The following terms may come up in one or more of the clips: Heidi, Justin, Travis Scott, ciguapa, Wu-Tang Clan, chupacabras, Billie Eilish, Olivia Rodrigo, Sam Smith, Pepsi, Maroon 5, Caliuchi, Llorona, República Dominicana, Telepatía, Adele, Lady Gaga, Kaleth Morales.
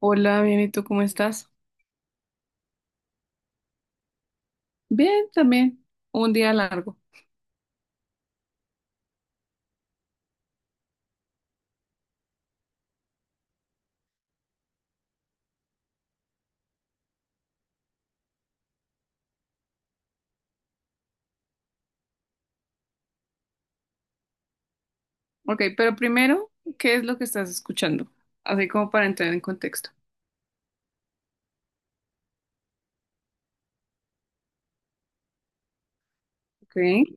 Hola, bien, ¿y tú cómo estás? Bien, también. Un día largo. Ok, pero primero, ¿qué es lo que estás escuchando? Así como para entrar en contexto. Ok.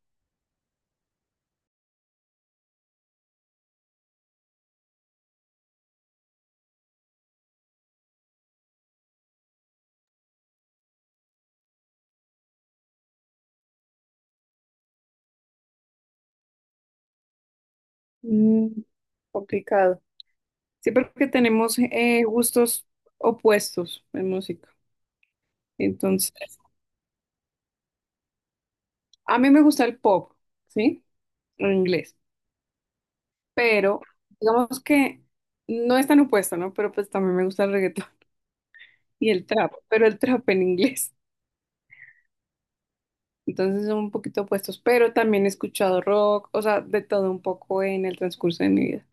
Mm, complicado. Sí, porque tenemos gustos opuestos en música. Entonces, a mí me gusta el pop, ¿sí? En inglés. Pero, digamos que no es tan opuesto, ¿no? Pero pues también me gusta el reggaetón y el trap, pero el trap en inglés. Entonces son un poquito opuestos, pero también he escuchado rock, o sea, de todo un poco en el transcurso de mi vida.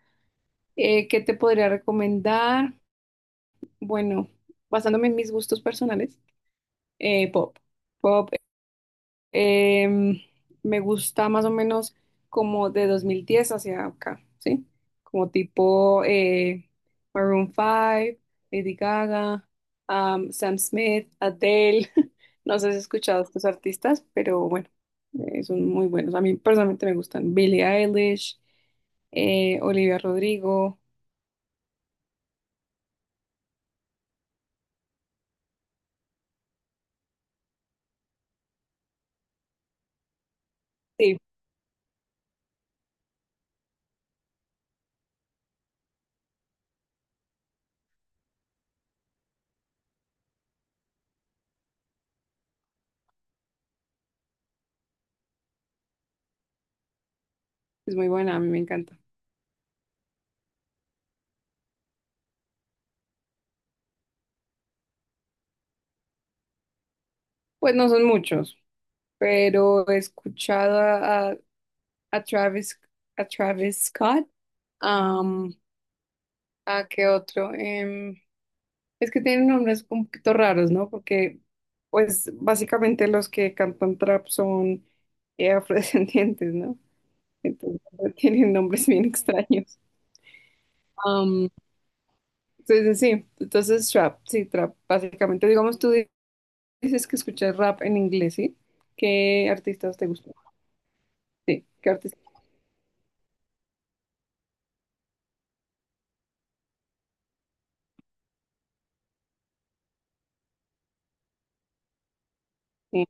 ¿Qué te podría recomendar? Bueno, basándome en mis gustos personales, pop. Pop. Em, Me gusta más o menos como de 2010 hacia acá, ¿sí? Como tipo Maroon 5, Lady Gaga, Sam Smith, Adele. No sé si has escuchado a estos artistas, pero bueno, son muy buenos. A mí personalmente me gustan Billie Eilish, Olivia Rodrigo. Sí, es muy buena, a mí me encanta. Pues no son muchos, pero he escuchado a Travis, a Travis Scott. Am, ¿A qué otro? Es que tienen nombres un poquito raros, ¿no? Porque, pues, básicamente los que cantan trap son afrodescendientes, ¿no? Entonces, tienen nombres bien extraños. Am, sí, sí, sí. Entonces, trap, sí, trap. Básicamente, digamos, dices que escuchas rap en inglés, ¿sí? ¿Qué artistas te gustan? Sí, ¿qué artistas? Sí,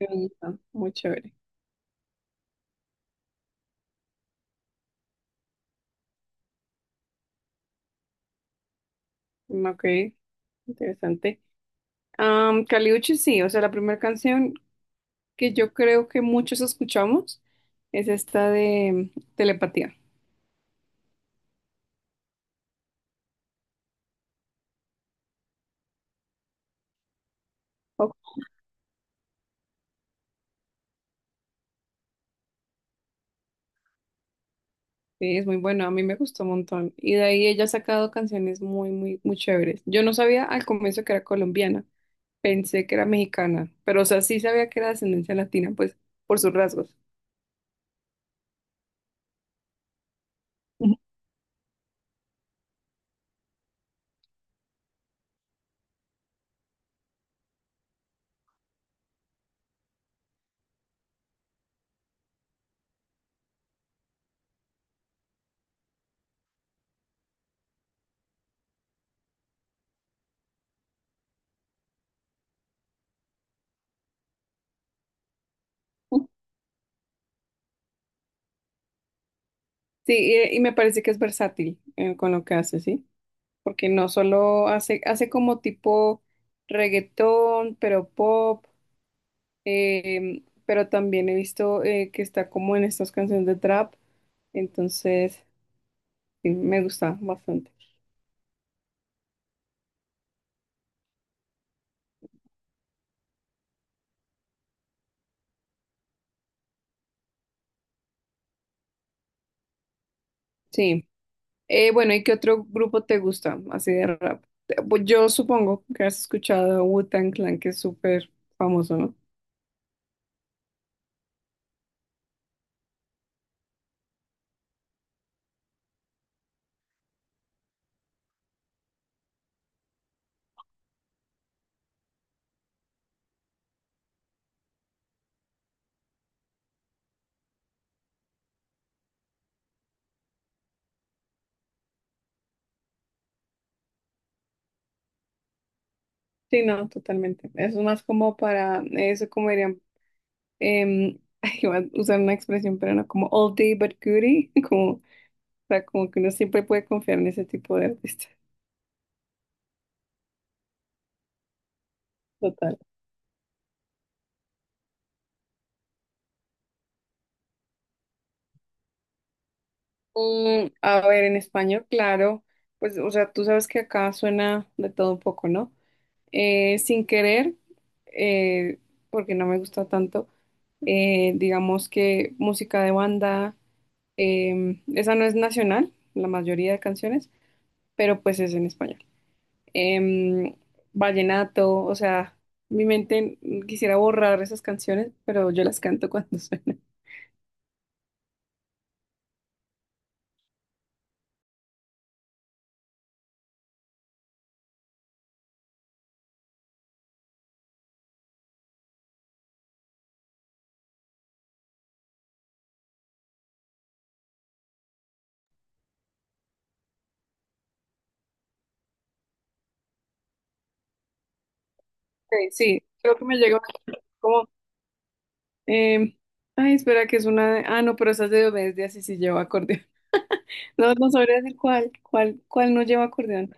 me gustan. Muy chévere. Mm, ok, interesante. Caliuchi sí, o sea, la primera canción que yo creo que muchos escuchamos es esta de Telepatía. Ok. Sí, es muy buena, a mí me gustó un montón. Y de ahí ella ha sacado canciones muy, muy, muy chéveres. Yo no sabía al comienzo que era colombiana, pensé que era mexicana, pero o sea, sí sabía que era de ascendencia latina, pues por sus rasgos. Ujú. Sí, y me parece que es versátil con lo que hace, ¿sí? Porque no solo hace como tipo reggaetón, pero pop pero también he visto que está como en estas canciones de trap, entonces sí, me gusta bastante. Sí. Bueno, ¿y qué otro grupo te gusta así de rap? Pues yo supongo que has escuchado Wu-Tang Clan, que es súper famoso, ¿no? Sí, no, totalmente. Es más como para, eso como dirían, em, ay, iba a usar una expresión, pero no, como all day but goodie, como, o sea, como que uno siempre puede confiar en ese tipo de artistas. Total. Mm, a ver, en español, claro, pues, o sea, tú sabes que acá suena de todo un poco, ¿no? Sin querer, eh, porque no me gusta tanto, digamos que música de banda, esa no es nacional, la mayoría de canciones, pero pues es en español. Em, vallenato, o sea, mi mente quisiera borrar esas canciones, pero yo las canto cuando suenan. Sí, sí, creo que me llega como. Eh, ay, espera, que es una. Ah, no, pero esa es de Obediencia, sí, sí lleva acordeón. No, no sabría decir cuál, cuál, cuál no lleva acordeón.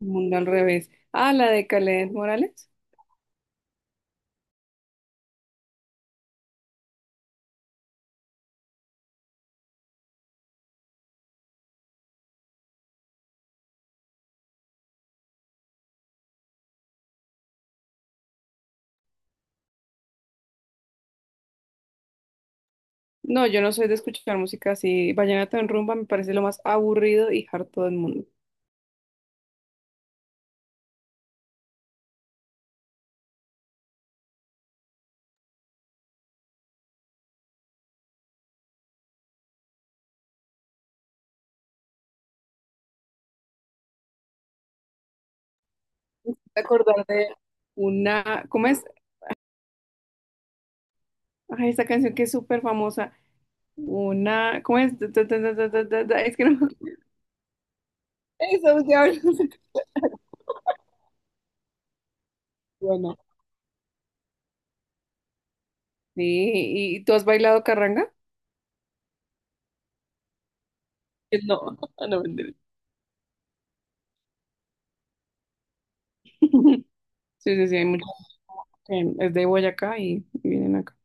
Mundo al revés. Ah, la de Kaleth Morales. No, yo no soy de escuchar música así. Vallenato en rumba me parece lo más aburrido y harto del mundo. Me acordar de una. ¿Cómo es? Ay, esa canción que es súper famosa. Una. ¿Cómo es? Ta, ta, ta, ta, ta, ta, ta. Es que no. Eso, diablos. Bueno. Sí, ¿y tú has bailado carranga? No, no, mentira. Sí, sí, sí, hay muchos que es de Boyacá y vienen acá.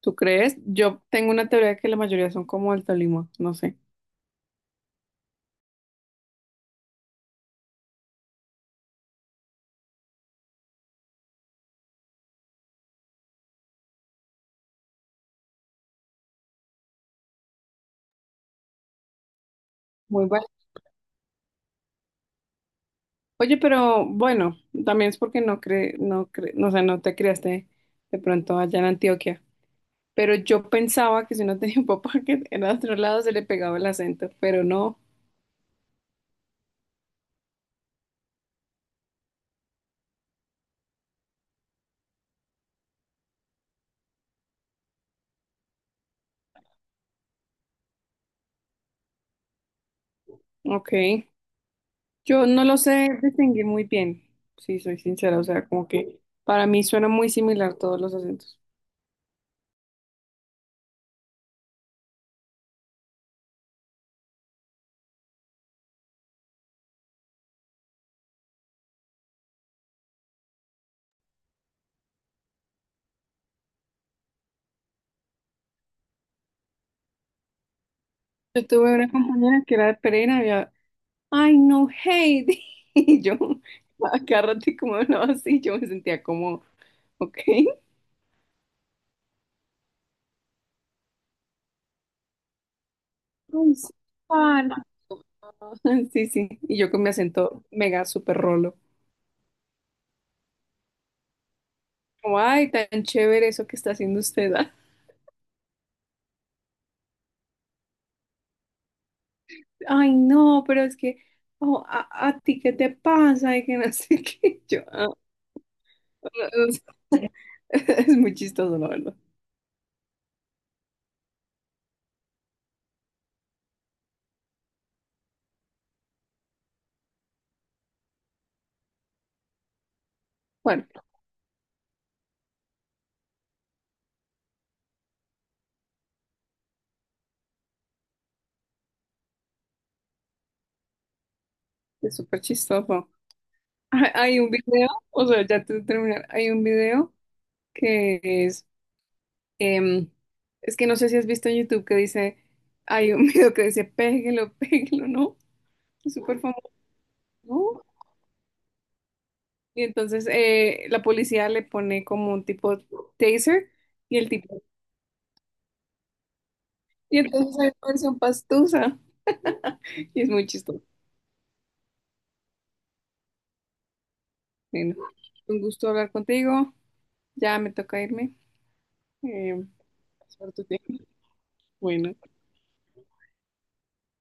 ¿Tú crees? Yo tengo una teoría de que la mayoría son como del Tolima, no sé. Muy bueno. Oye, pero bueno, también es porque no, o sea, no te criaste de pronto allá en Antioquia. Pero yo pensaba que si no tenía un papá que era de otro lado se le pegaba el acento, pero no. Ok. Yo no lo sé distinguir muy bien, si soy sincera. O sea, como que para mí suena muy similar todos los acentos. Yo tuve una compañera que era de Pereira. Ay, no, Heidi. Y yo, agárrate como no, así yo me sentía como, ok. Ay, sí, pan. Sí, sí. Y yo con mi acento mega súper rolo. Como, ay, tan chévere eso que está haciendo usted. Ah". Ay, no, pero es que, oh, a ti, ¿qué te pasa? Y que no sé qué. Yo, "Ah, no, no sé". Es muy chistoso, la verdad. Bueno, es súper chistoso. Hay un video, o sea, ya te terminar, hay un video que es. Em, es que no sé si has visto en YouTube que dice, hay un video que dice, péguelo, péguelo, ¿no? Es súper famoso. ¿No? Y entonces la policía le pone como un tipo taser y el tipo, y entonces hay una versión pastusa. Y es muy chistoso. Bueno, un gusto hablar contigo. Ya me toca irme. Em, suerte. A ti. Bueno.